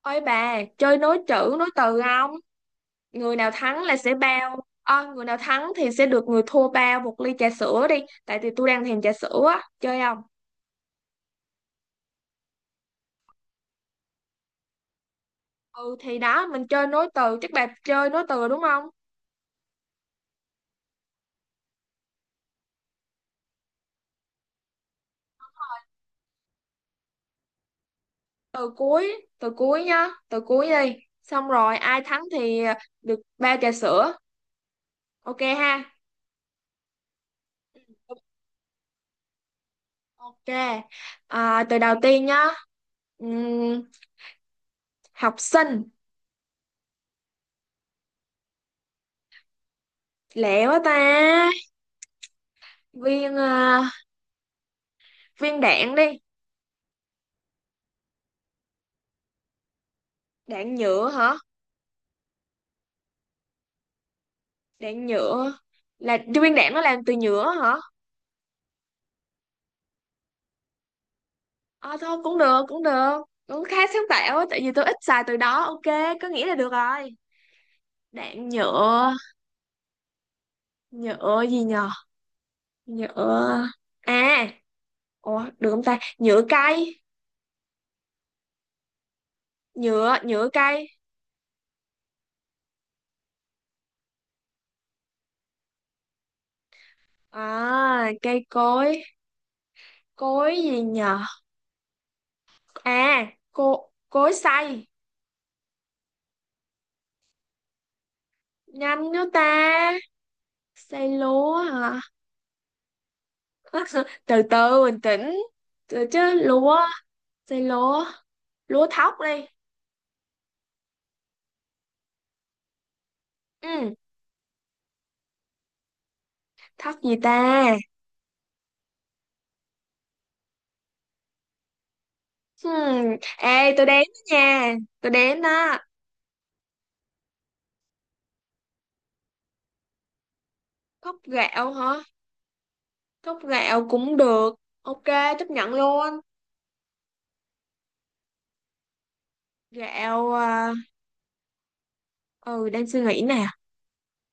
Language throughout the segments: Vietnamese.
Ôi bà, chơi nối chữ, nối từ không? Người nào thắng là sẽ bao. Ờ, Người nào thắng thì sẽ được người thua bao một ly trà sữa đi. Tại vì tôi đang thèm trà sữa á. Chơi không? Ừ thì đó, mình chơi nối từ. Chắc bà chơi nối từ đúng không? Từ cuối nhá. Từ cuối đi. Xong rồi, ai thắng thì được bao trà sữa. Ok ha? Ok. À, từ đầu tiên nhá. Ừm, học sinh. Lẹ quá ta. Viên, à, viên đạn đi. Đạn nhựa hả? Đạn nhựa là Trung Nguyên đạn nó làm từ nhựa hả? Ờ thôi cũng được, cũng được, cũng khá sáng tạo á. Tại vì tôi ít xài từ đó. Ok, có nghĩa là được rồi. Đạn nhựa. Nhựa gì nhờ? Nhựa, à, ủa được không ta? Nhựa cây. Nhựa nhựa cây. À, cây cối. Cối gì nhờ? À, cối xay. Nhanh nữa ta. Xay lúa hả? Từ từ, bình tĩnh. Từ chứ lúa. Xay lúa. Lúa thóc đi. Ừ. Thóc gì ta? Hmm. Ê, tôi đếm đó nha. Tôi đếm đó. Thóc gạo hả? Thóc gạo cũng được. Ok, chấp nhận luôn. Gạo, à, ừ, đang suy nghĩ nè.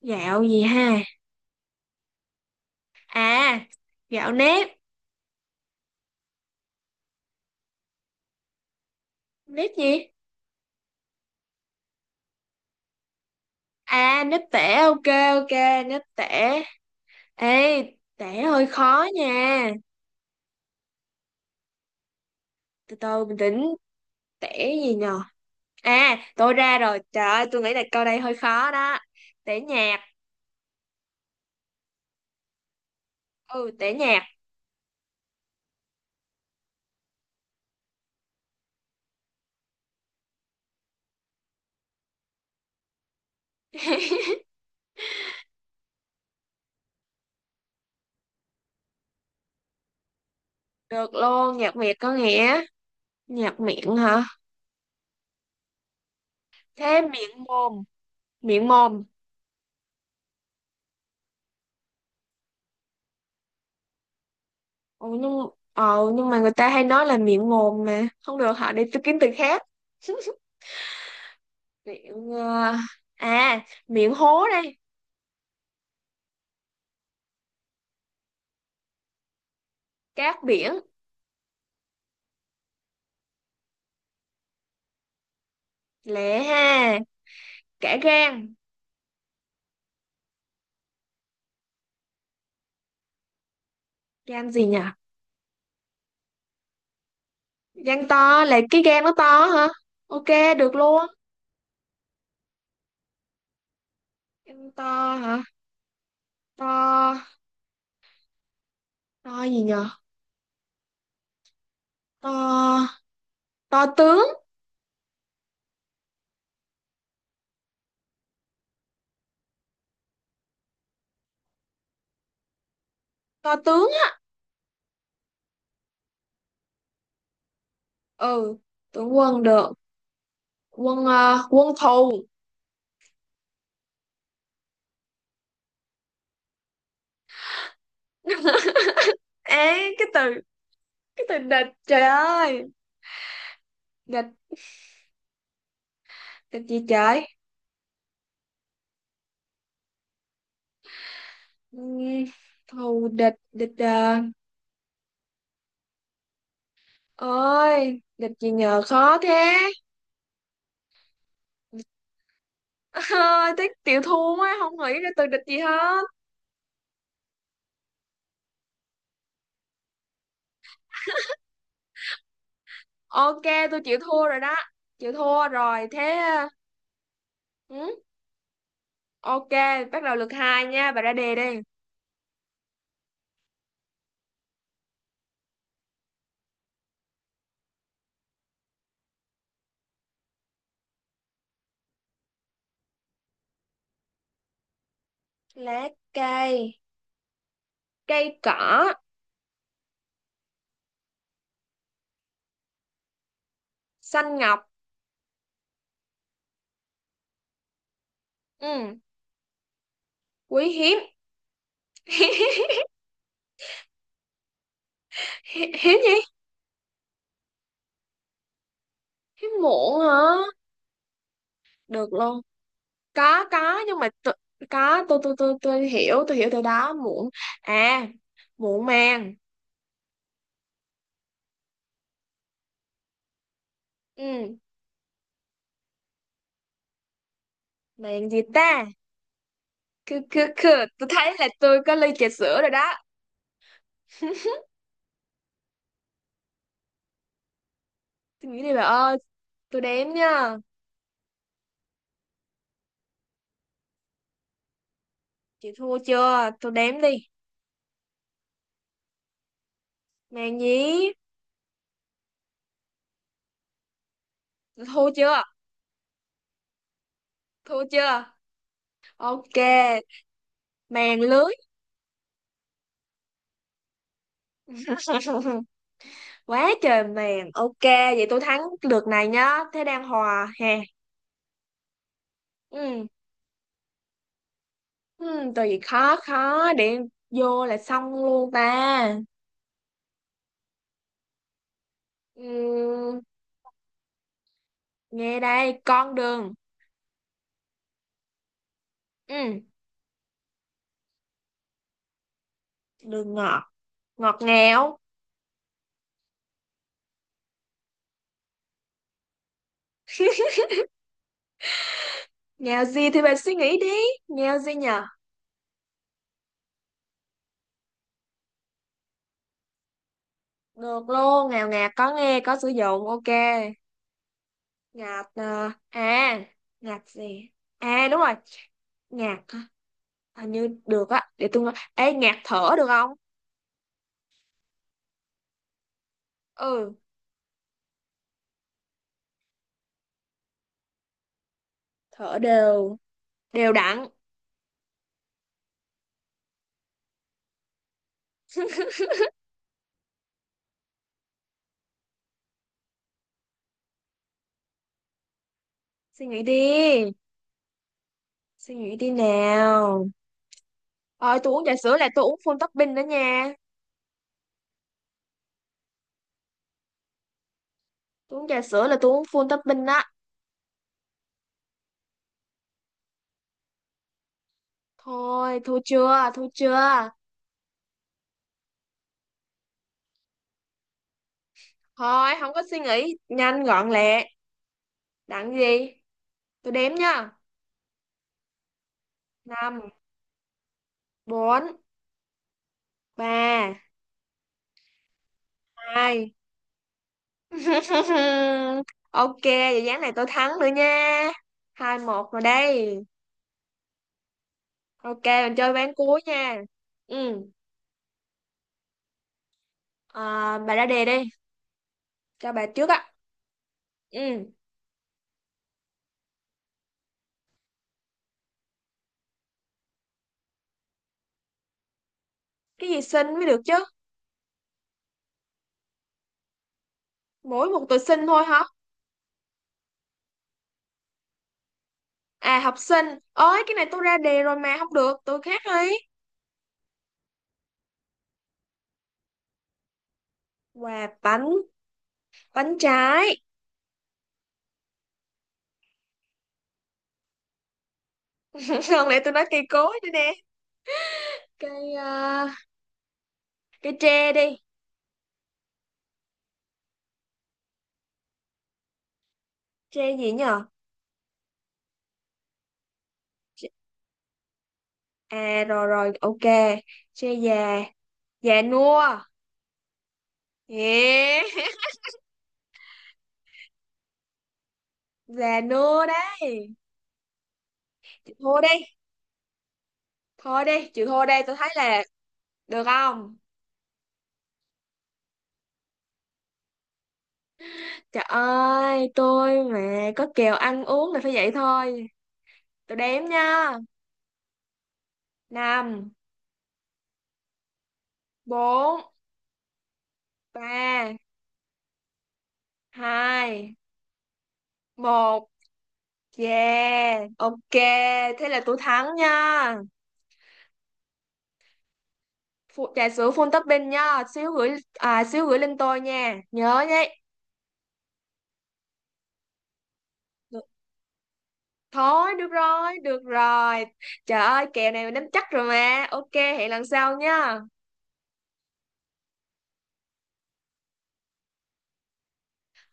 Gạo gì ha? À, gạo nếp. Nếp gì? À, nếp tẻ. Ok, ok, nếp tẻ. Ê, tẻ hơi khó nha. Từ từ, bình tĩnh. Tẻ gì nhờ? À, tôi ra rồi, trời ơi, tôi nghĩ là câu đây hơi khó đó. Tẻ nhà. Ừ, tẻ nhạt. Được luôn, nhạc Việt có nghĩa. Nhạc miệng hả? Thế miệng mồm. Miệng mồm. Ừ, nhưng mà người ta hay nói là miệng mồm mà không được hả, để tôi kiếm từ khác. miệng ờ, à miệng hố đây. Cát biển. Lẹ ha. Cả gan. Gan gì nhỉ? Gan to là cái gan nó to hả? Ok, được luôn. Gan to hả? To. To gì nhỉ? To. To tướng. To tướng. Ừ, tướng quân được. Quân thù. Ấy cái từ địch, trời ơi. Địch. Địch gì trời? Ừm, Thù địch. Địch, ơi, địch gì nhờ, khó thế. Địch- Ơi, tiếc chịu thua á, không nghĩ ra từ địch gì hết. Ok, tôi chịu thua rồi đó. Chịu thua rồi, thế... Ừ, ok, bắt đầu lượt hai nha, bà ra đề đi. Lá cây, cây cỏ, xanh ngọc, ừ, quý hiếm. Hiếm gì? Hiếm muộn hả? Được luôn. Có, nhưng mà tu- có, tôi hiểu từ đó. Muộn. À, muộn màng. Ừ, màng gì ta? Cứ, cứ, cứ. Tôi thấy là tôi có ly trà sữa rồi đó. Tôi nghĩ đi bà ơi, tôi đếm nha. Chị thua chưa? Tôi đếm đi. Màng gì? Tôi thua chưa? Thua chưa? Ok, màng lưới. Quá trời màng. Ok, vậy tôi thắng lượt này nhá. Thế đang hòa hè. Ừ. Ừ, từ gì khó khó để vô là xong luôn ta. Ừ, nghe đây. Con đường. Ừ, đường ngọt. Ngọt ngào. Ngào gì thì bạn suy nghĩ đi. Ngào gì nhờ? Được luôn, ngào ngạt có nghe có sử dụng. Ok, ngạt ờ, à ngạt gì? À, đúng rồi. Ngạt hả? Hình như được á, để tôi nói. Ê, ngạt thở được không? Ừ. Thở đều. Đều đặn. Suy nghĩ đi. Suy nghĩ đi nào. Ờ, tôi uống trà sữa là tôi uống full topping đó nha. Tôi uống trà sữa là tôi uống full topping đó. Thôi, thua chưa, thua chưa. Thôi, không có suy nghĩ. Nhanh, gọn lẹ. Đặng gì? Tôi đếm nha. Năm, bốn, ba, hai, ok, vậy ván này tôi thắng nữa nha. 2-1 rồi đây. Ok, mình chơi ván cuối nha. Ừ, à, bà ra đề đi. Cho bà trước á. Ừ, cái gì xinh mới được chứ. Mỗi một từ xinh thôi hả? À, học sinh, ơi cái này tôi ra đề rồi mà không được, tôi khác đi. Quà bánh, bánh trái. Không lẽ tôi nói cây cối nữa nè. Cây ờ, cây tre đi. Tre gì nhờ? À, rồi rồi, ok. Tre già, già nua. Yeah. Già nua đấy. Chịu thua đi. Thôi đi, chịu thua đây, tôi thấy là được không? Trời ơi, tôi mà có kèo ăn uống là phải vậy thôi. Tôi đếm nha. Năm, 4, 3. Hai, một. Yeah, ok, thế là tôi thắng nha. Phụ, trà sữa full topping nha, xíu gửi lên tôi nha, nhớ nhé. Được. Thôi được rồi, được rồi. Trời ơi, kèo này mình nắm chắc rồi mà. Ok, hẹn lần sau nha.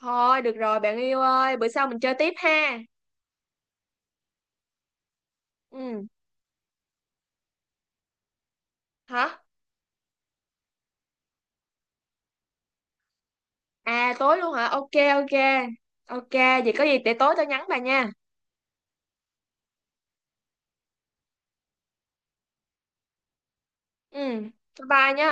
Thôi được rồi, bạn yêu ơi, bữa sau mình chơi tiếp ha. Ừ. Hả? À, tối luôn hả? Ok, ok, ok, vậy có gì để tối tôi nhắn bà nha. Ừ. Bye bye nha.